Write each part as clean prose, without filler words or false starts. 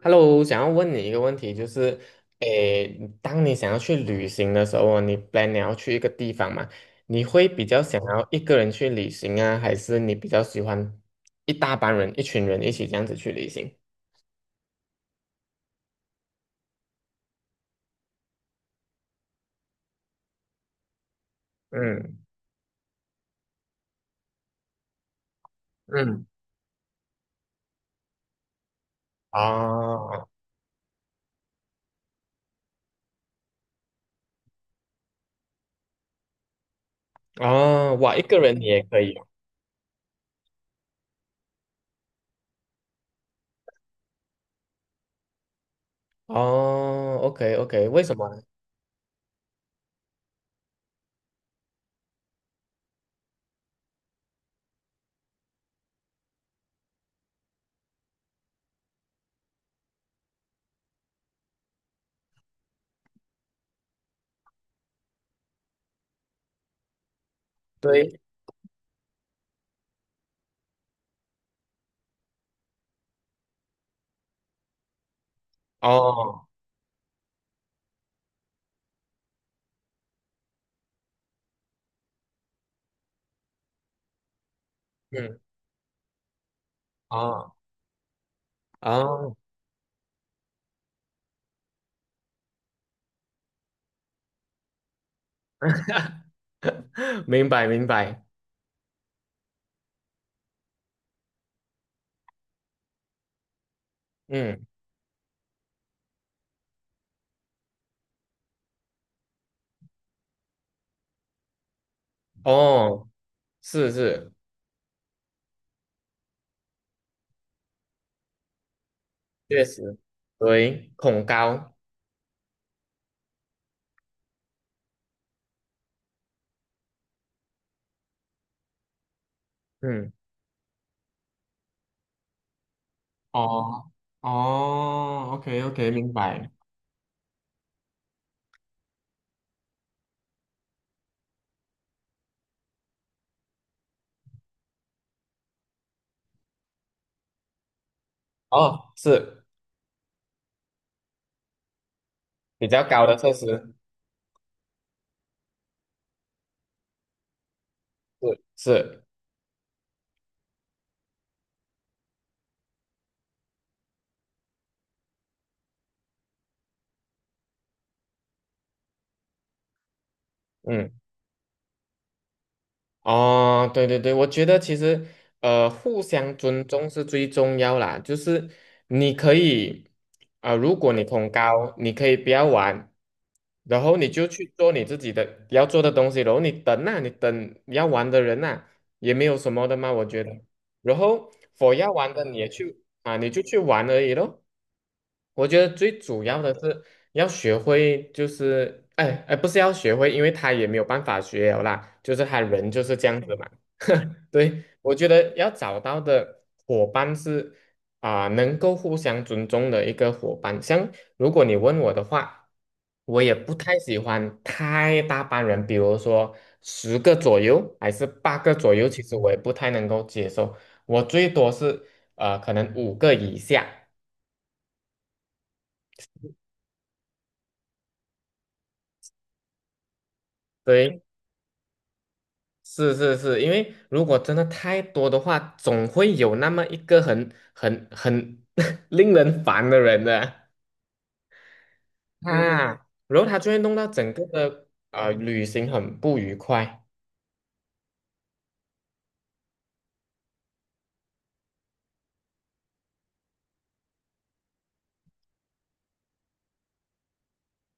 Hello,想要问你一个问题，就是，诶，当你想要去旅行的时候哦，你 plan 你要去一个地方嘛，你会比较想要一个人去旅行啊，还是你比较喜欢一大帮人、一群人一起这样子去旅行？嗯嗯，啊啊，哇，一个人你也可以哦。哦，OK OK，为什么呢？对，哦，嗯，哦哦，明白明白，嗯，哦，是是。确实，对，恐高，嗯，哦哦，OK OK，明白。哦，是比较高的设施，是是，嗯。哦，对对对，我觉得其实互相尊重是最重要啦。就是你可以啊、如果你恐高，你可以不要玩，然后你就去做你自己的要做的东西，然后你等啊，你等要玩的人呐、也没有什么的嘛，我觉得。然后否要玩的你也去啊，你就去玩而已咯。我觉得最主要的是要学会，就是哎哎，不是要学会，因为他也没有办法学了啦，就是他人就是这样子嘛。对，我觉得要找到的伙伴是啊、能够互相尊重的一个伙伴。像如果你问我的话，我也不太喜欢太大班人，比如说10个左右还是8个左右，其实我也不太能够接受。我最多是可能五个以下。对，是是是，因为如果真的太多的话，总会有那么一个很 令人烦的人的嗯啊，然后他就会弄到整个的旅行很不愉快。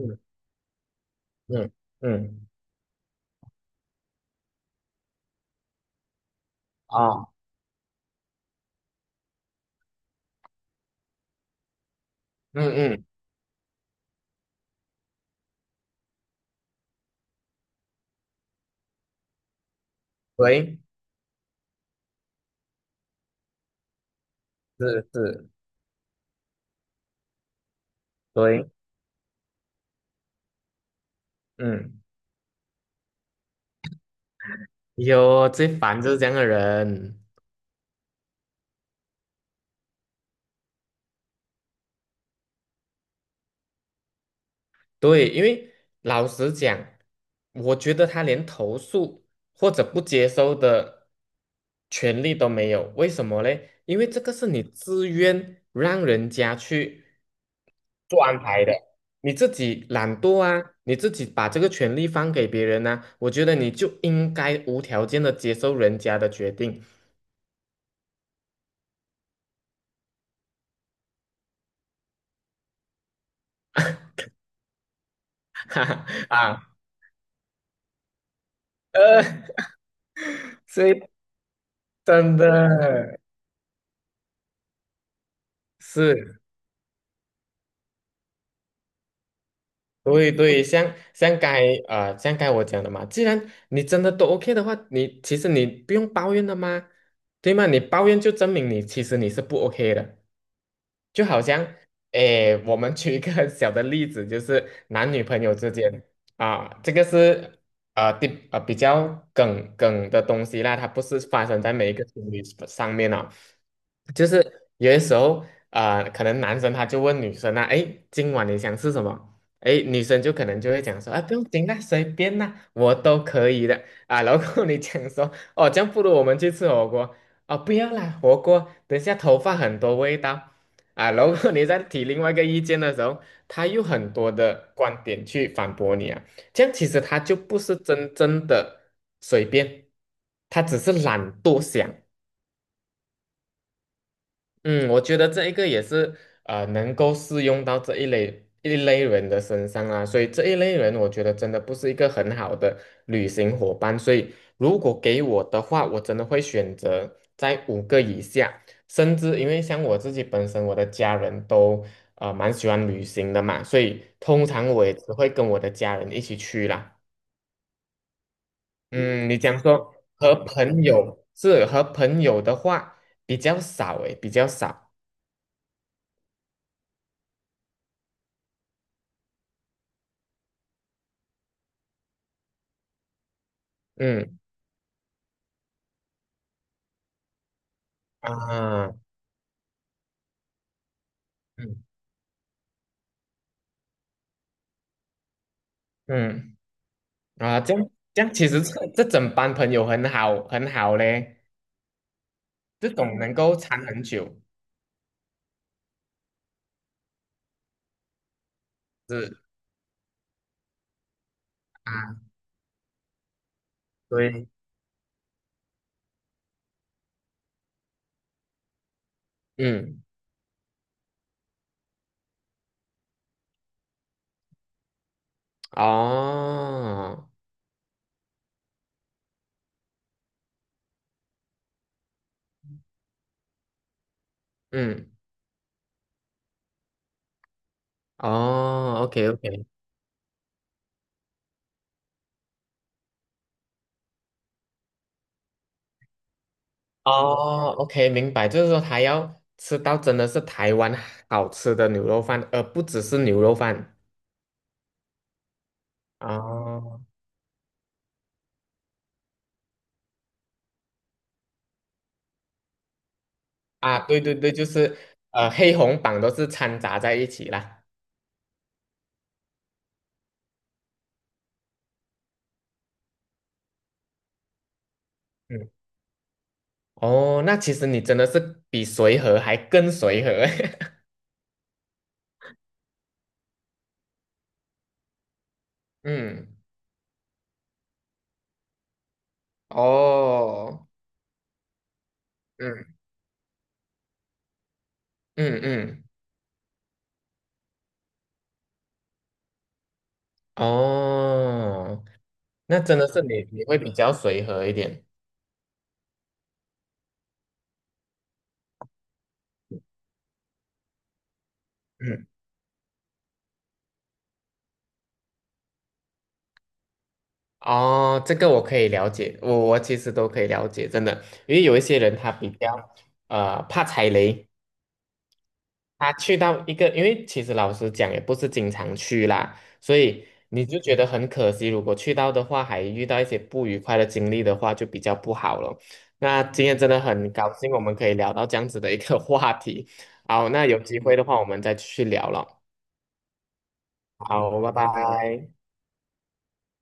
嗯嗯嗯哦，嗯嗯，对，是是，对，嗯，有最烦就是这样的人。对，因为老实讲，我觉得他连投诉或者不接收的权利都没有。为什么嘞？因为这个是你自愿让人家去做安排的，你自己懒惰啊，你自己把这个权利放给别人呢、我觉得你就应该无条件的接受人家的决定，哈哈啊，呃，所以真的是。对对，像该我讲的嘛，既然你真的都 OK 的话，你其实你不用抱怨的嘛，对吗？你抱怨就证明你其实你是不 OK 的，就好像诶，我们举一个 小的例子，就是男女朋友之间啊，这个是呃第呃比较梗梗的东西啦，它不是发生在每一个情侣上面啊。就是有些时候啊、可能男生他就问女生啊，哎，今晚你想吃什么？哎，女生就可能就会讲说，啊，不用紧啦，随便啦，我都可以的啊。然后你讲说，哦，这样不如我们去吃火锅哦，不要啦，火锅等下头发很多味道啊。然后你再提另外一个意见的时候，他又很多的观点去反驳你啊。这样其实他就不是真正的随便，他只是懒惰想。嗯，我觉得这一个也是能够适用到这一类一类人的身上啊，所以这一类人，我觉得真的不是一个很好的旅行伙伴。所以如果给我的话，我真的会选择在五个以下，甚至因为像我自己本身，我的家人都蛮喜欢旅行的嘛，所以通常我也只会跟我的家人一起去啦。嗯，你讲说和朋友的话比较少诶，比较少，嗯。啊，嗯嗯啊，这样这样，其实这整班朋友很好很好嘞，这种能够缠很久，是啊，对，嗯，哦，嗯，哦，OK OK，哦，OK，明白，就是说他要吃到真的是台湾好吃的牛肉饭，而不只是牛肉饭。哦，啊，对对对，就是黑红榜都是掺杂在一起啦。嗯。哦，那其实你真的是比随和还更随和。嗯，哦，嗯嗯嗯，哦，那真的是你你会比较随和一点。嗯，哦，这个我可以了解，我我其实都可以了解，真的，因为有一些人他比较怕踩雷，他去到一个，因为其实老实讲也不是经常去啦，所以你就觉得很可惜。如果去到的话，还遇到一些不愉快的经历的话，就比较不好了。那今天真的很高兴，我们可以聊到这样子的一个话题。好，那有机会的话，我们再去聊了。好，拜拜。